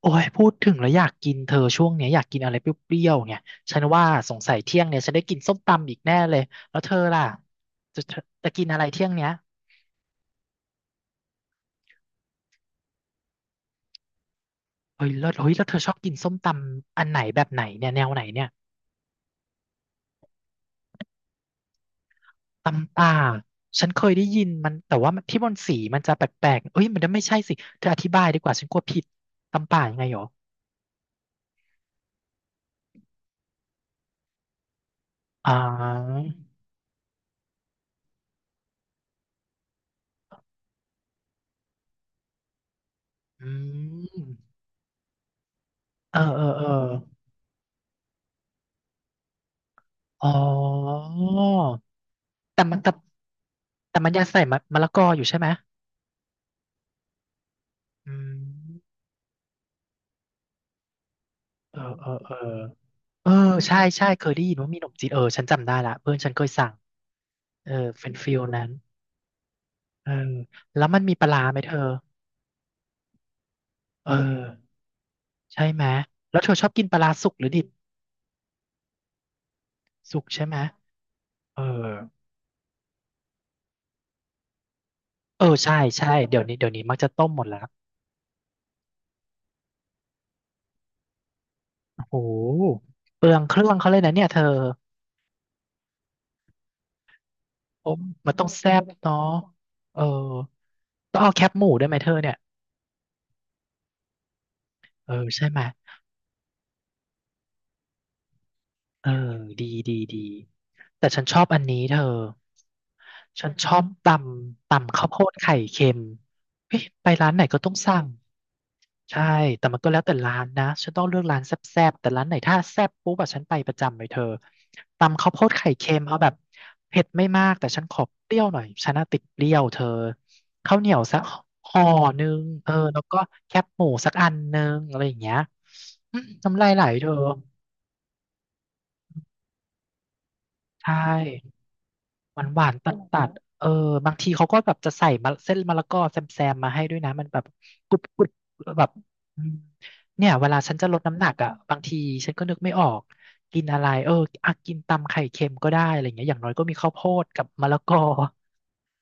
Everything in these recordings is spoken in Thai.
โอ้ยพูดถึงแล้วอยากกินเธอช่วงเนี้ยอยากกินอะไรเปรี้ยวๆเนี่ยฉันว่าสงสัยเที่ยงเนี่ยฉันได้กินส้มตำอีกแน่เลยแล้วเธอล่ะจะจะจะกินอะไรเที่ยงเนี้ยเฮ้ยแล้วเธอชอบกินส้มตำอันไหนแบบไหนเนี่ยแนวไหนเนี่ยตำป่าฉันเคยได้ยินมันแต่ว่ามันที่มันสีมันจะแปลกๆเอ้ยมันไม่ใช่สิเธออธิบายดีกว่าฉันกลัวผิดตำป่ายังไงหรออ่าอืมเออเออเอออ๋อ แต่มันแต่แต่มันยังใส่มะละกออยู่ใช่ไหมอืมเออเออเออเออใช่ใช่เคยได้ยินว่ามีขนมจีนเออฉันจำได้ละเพื่อนฉันเคยสั่งเออเป็นฟิลนั้นเออแล้วมันมีปลาร้าไหมเธอเออใช่ไหม แล้วเธอชอบกินปลาร้าสุกหรือดิบสุกใช่ไหม เออเออใช่ใช่เดี๋ยวนี้มักจะต้มหมดแล้วโอ้โหเปลืองเครื่องเขาเลยนะเนี่ยเธอโอ้มันต้องแซ่บเนาะเออต้องเอาแคปหมูด้วยไหมเธอเนี่ยเออใช่ไหม เออดีดีดีแต่ฉันชอบอันนี้เธอฉันชอบตำข้าวโพดไข่เค็มเฮ้ยไปร้านไหนก็ต้องสั่งใช่แต่มันก็แล้วแต่ร้านนะฉันต้องเลือกร้านแซ่บๆแต่ร้านไหนถ้าแซ่บปุ๊บอะฉันไปประจำเลยเธอตำข้าวโพดไข่เค็มเอาแบบเผ็ดไม่มากแต่ฉันขอเปรี้ยวหน่อยฉันน่ะติดเปรี้ยวเธอข้าวเหนียวสักห่อหนึ่งเออแล้วก็แคบหมูสักอันหนึ่งอะไรอย่างเงี้ยอืมน้ำลายไหลเธอใช่ หวานหวานตัดตัดๆเออบางทีเขาก็แบบจะใส่มะเส้นมะละกอแซมแซมมาให้ด้วยนะมันแบบกรุบกรุบแบบอืมเนี่ยเวลาฉันจะลดน้ำหนักอ่ะบางทีฉันก็นึกไม่ออกกินอะไรเอออ่ะกินตำไข่เค็มก็ได้อะไรเงี้ยอย่างน้อยก็มีข้าวโพดกับมะละกอ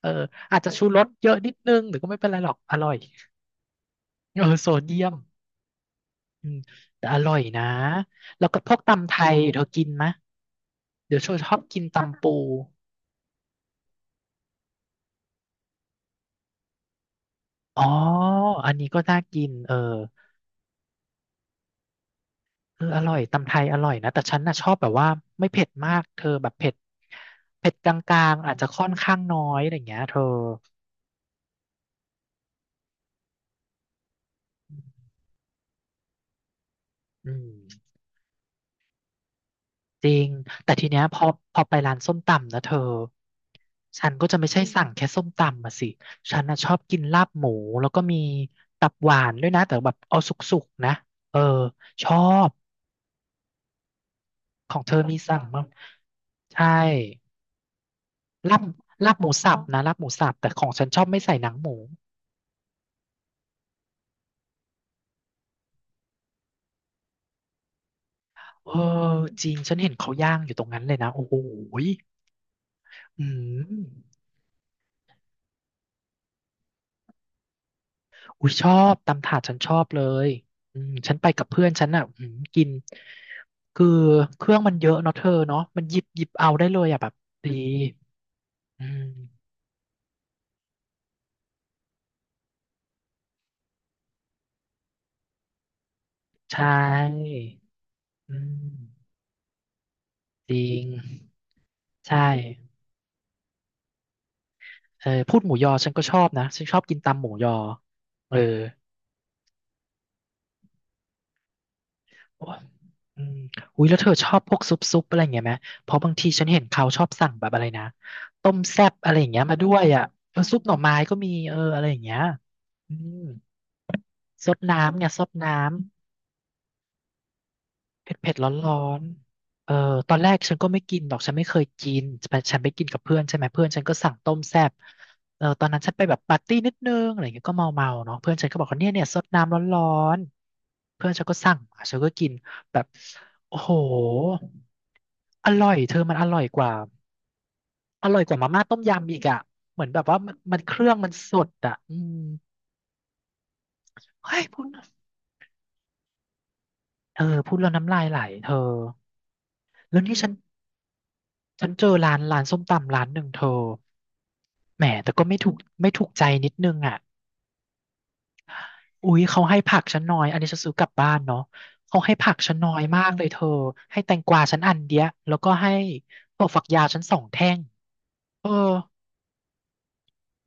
เอออาจจะชูรสเยอะนิดนึงแต่ก็ไม่เป็นไรหรอกอร่อยเออโซเดียมอืมแต่อร่อยนะแล้วก็พวกตำไทยเธอกินไหมะเดี๋ยวโชชอบกินตำปูอ๋ออันนี้ก็น่ากินเออ เอออร่อยตำไทยอร่อยนะแต่ฉันน่ะชอบแบบว่าไม่เผ็ดมากเธอแบบเผ็ดกลางๆอาจจะค่อนข้างน้อยอะไรอย่างเงี้ยเธออืมจริงแต่ทีเนี้ยพอไปร้านส้มตำนะเธอฉันก็จะไม่ใช่สั่งแค่ส้มตำมาสิฉันน่ะชอบกินลาบหมูแล้วก็มีตับหวานด้วยนะแต่แบบเอาสุกๆนะเออชอบของเธอมีสั่งมั้างใช่ลาบลาบหมูสับนะลาบหมูสับแต่ของฉันชอบไม่ใส่หนังหมู เออจริงฉันเห็นเขาย่างอยู่ตรงนั้นเลยนะโอ้โหยอืมอุ้ยชอบตำถาดฉันชอบเลยอืมฉันไปกับเพื่อนฉันอ่ะอืมกินคือเครื่องมันเยอะเนาะเธอเนาะมันหยิบเอาได้เลยอ่ะแบบดีอืมใช่อืมจริงใช่เออพูดหมูยอฉันก็ชอบนะฉันชอบกินตำหมูยอเออ โอ้ยอืมอุ้ยแล้วเธอชอบพวกซุปอะไรอย่างเงี้ยไหม เพราะบางทีฉันเห็นเขาชอบสั่งแบบอะไรนะ ต้มแซ่บอะไรอย่างเงี้ยมาด้วยอ่ะเออซุปหน่อไม้ก็มีเอออะไรอย่างเงี้ยอืมซดน้ำเนี่ยซดน้ เผ็ดเผ็ดร้อนร้อนๆเออตอนแรกฉันก็ไม่กินหรอกฉันไม่เคยกินแต่ฉันไปกินกับเพื่อนใช่ไหมเพื่อนฉันก็สั่งต้มแซ่บเออตอนนั้นฉันไปแบบปาร์ตี้นิดนึงอะไรอย่างเงี้ยก็เมาเนาะเพื่อนฉันก็บอกว่าเนี่ยซดน้ำร้อนร้อนเพื่อนฉันก็สั่งมาฉันก็กินแบบโอ้โหอร่อยเธอมันอร่อยกว่าอร่อยกว่ามาม่าต้มยำอีกอ่ะเหมือนแบบว่ามันเครื่องมันสดอ่ะอืมเฮ้ยพูดเออพูดแล้วน้ำลายไหลเธอแล้วนี่ฉัน ฉันเจอร้านส้มตำร้านหนึ่งเธอแหมแต่ก็ไม่ถูกใจนิดนึงอ่ะอุ๊ยเขาให้ผักฉันน้อยอันนี้ฉันซื้อกลับบ้านเนาะเขาให้ผักฉันน้อยมากเลยเธอให้แตงกวาฉันอันเดียวแล้วก็ให้ถั่วฝักยาวฉันสองแท่งเออ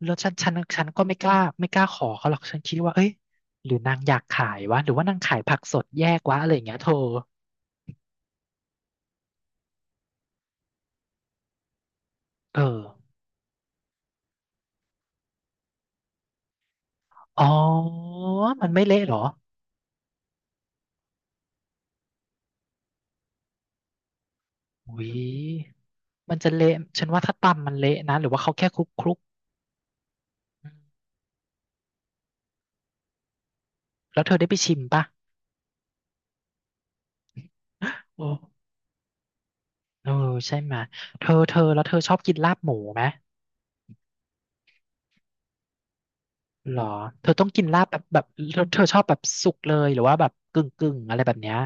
แล้วฉันก็ไม่กล้าขอเขาหรอกฉันคิดว่าเอ้ยหรือนางอยากขายวะหรือว่านางขายผักสดแยกวะอะไรอย่างเงี้ยเธอเอออ๋อมันไม่เละเหรอ อุ้ยมันจะเละฉันว่าถ้าตำมันเละนะหรือว่าเขาแค่คลุกคลุกแล้วเธอได้ไปชิมปะโอ้เออใช่ไหมยเธอแล้วเธอชอบกินลาบหมูไหมหรอเธอต้องกินลาบแบบเธอชอบแบบสุกเลยหรือว่าแบบกึ่งกึ่งอะไรแบบเนี้ย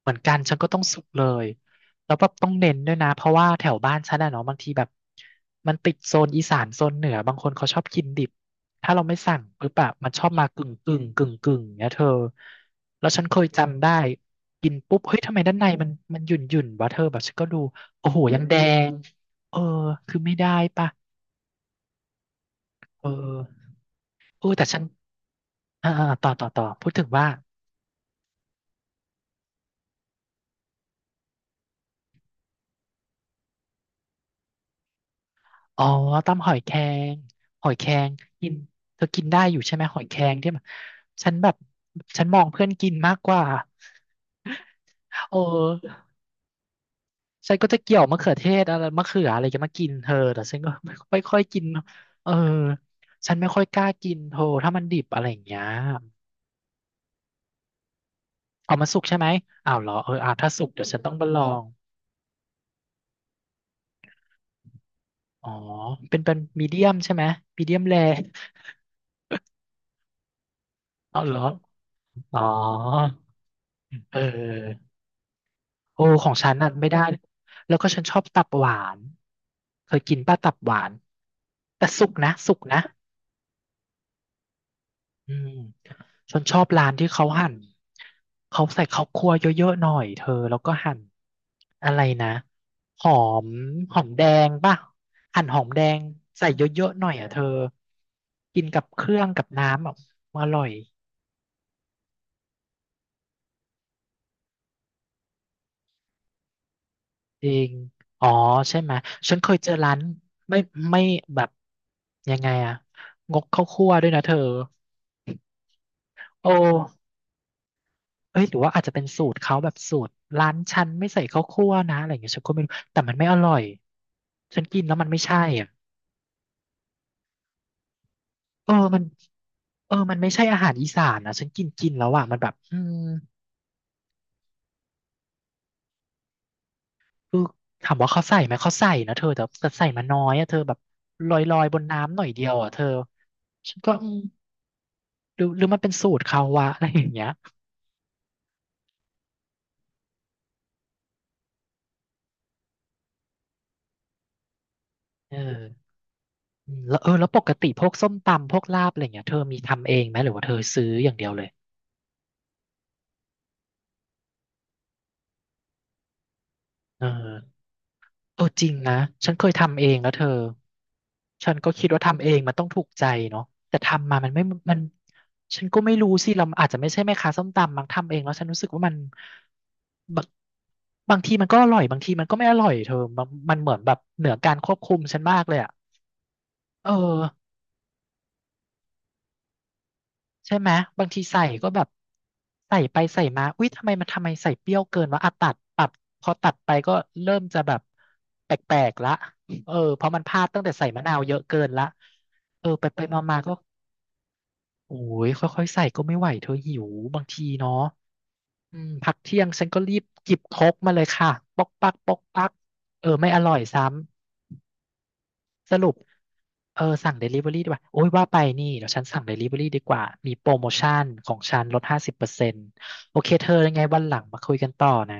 เหมือนกันฉันก็ต้องสุกเลย แล้วแบบต้องเน้นด้วยนะ เพราะว่าแถวบ้านฉันอะเนาะบางทีแบบมันติดโซนอีสานโซนเหนือ บางคนเขาชอบกินดิบ ถ้าเราไม่สั่งปุ๊บอะมันชอบมากึ่งกึ่งกึ่งกึ่งเนี้ยเธอ แล้วฉันเคยจำได้กินปุ๊บ เฮ้ย ทำไมด้านในมันมันหยุ่นหยุ่นวะเธอแบบฉันก็ดูโอ้โหยังแดง เออคือไม่ได้ปะเออเออแต่ฉันต่อต่อต่อพูดถึงว่า อ๋อตำหอยแครงหอยแครงกินเธอกินได้อยู่ใช่ไหมหอยแครงที่แบบฉันแบบฉันมองเพื่อนกินมากกว่าเออฉันก็จะเกี่ยวมะเขือเทศอะไรมะเขืออะไรจะมากินเธอแต่ฉันก็ไม่ค่อยกินเออฉันไม่ค่อยกล้ากินเธอถ้ามันดิบอะไรอย่างเงี้ยเอามาสุกใช่ไหมอ้าวเหรอเอออ่ะถ้าสุกเดี๋ยวฉันต้องมาลองอ๋อเป็นมีเดียมใช่ไหมมีเดียมแรเอาเหรออ๋อเออ โอ้ของฉันน่ะไม่ได้แล้วก็ฉันชอบตับหวานเคยกินป้าตับหวานแต่สุกนะสุกนะอืมฉันชอบร้านที่เขาหั่นเขาใส่ข้าวคั่วเยอะๆหน่อยเธอแล้วก็หั่นอะไรนะหอมหอมแดงป่ะหั่นหอมแดงใส่เยอะๆหน่อยอ่ะเธอกินกับเครื่องกับน้ำอ่ะอร่อย จริงอ๋อใช่ไหมฉันเคยเจอร้านไม่ไม่แบบยังไงอะงกข้าวคั่วด้วยนะเธอโอ้เอ้ยหรือว่าอาจจะเป็นสูตรเขาแบบสูตรร้านฉันไม่ใส่ข้าวคั่วนะอะไรอย่างเงี้ยฉันก็ไม่รู้แต่มันไม่อร่อยฉันกินแล้วมันไม่ใช่อ่ะเออมันเออมันไม่ใช่อาหารอีสานนะฉันกินกินแล้วอ่ะมันแบบอืมคือถามว่าเขาใส่ไหมเขาใส่นะเธอแต่ใส่มาน้อยอ่ะเธอแบบลอยลอยบนน้ำหน่อยเดียวอ่ะเธอฉันก็อืมหรือมันเป็นสูตรเขาวะอะไรอย่างเงี้ย เอออืมแล้วเออแล้วปกติพวกส้มตำพวกลาบอะไรเงี้ยเธอมีทำเองไหมหรือว่าเธอซื้ออย่างเดียวเลยเออเออจริงนะฉันเคยทำเองแล้วเธอฉันก็คิดว่าทำเองมันต้องถูกใจเนาะแต่ทำมามันไม่มันฉันก็ไม่รู้สิเราอาจจะไม่ใช่แม่ค้าส้มตำมั้งทำเองแล้วฉันรู้สึกว่ามันบางบางทีมันก็อร่อยบางทีมันก็ไม่อร่อยเธอมันมันเหมือนแบบเหนือการควบคุมฉันมากเลยอ่ะเออ ใช่ไหมบางทีใส่ก็แบบใส่ไปใส่มาอุ้ยทำไมมันทำไมใส่เปรี้ยวเกินวะอ่ะตัดปรับพอตัดไปก็เริ่มจะแบบแปลกๆละเออเพราะมันพลาดตั้งแต่ใส่มะนาวเยอะเกินละเออไปไปมามาก็โอ้ยค่อยๆใส่ก็ไม่ไหวเธอหิวบางทีเนาะอืมพักเที่ยงฉันก็รีบจิบโคกมาเลยค่ะปอกปักปอกปักเออไม่อร่อยซ้ำ สรุป เออสั่ง Delivery ดีกว่าโอ้ยว่าไปนี่เดี๋ยวฉันสั่ง Delivery ดีกว่า มีโปรโมชั่นของฉันลด50%โอเคเธอยังไงวันหลังมาคุยกันต่อนะ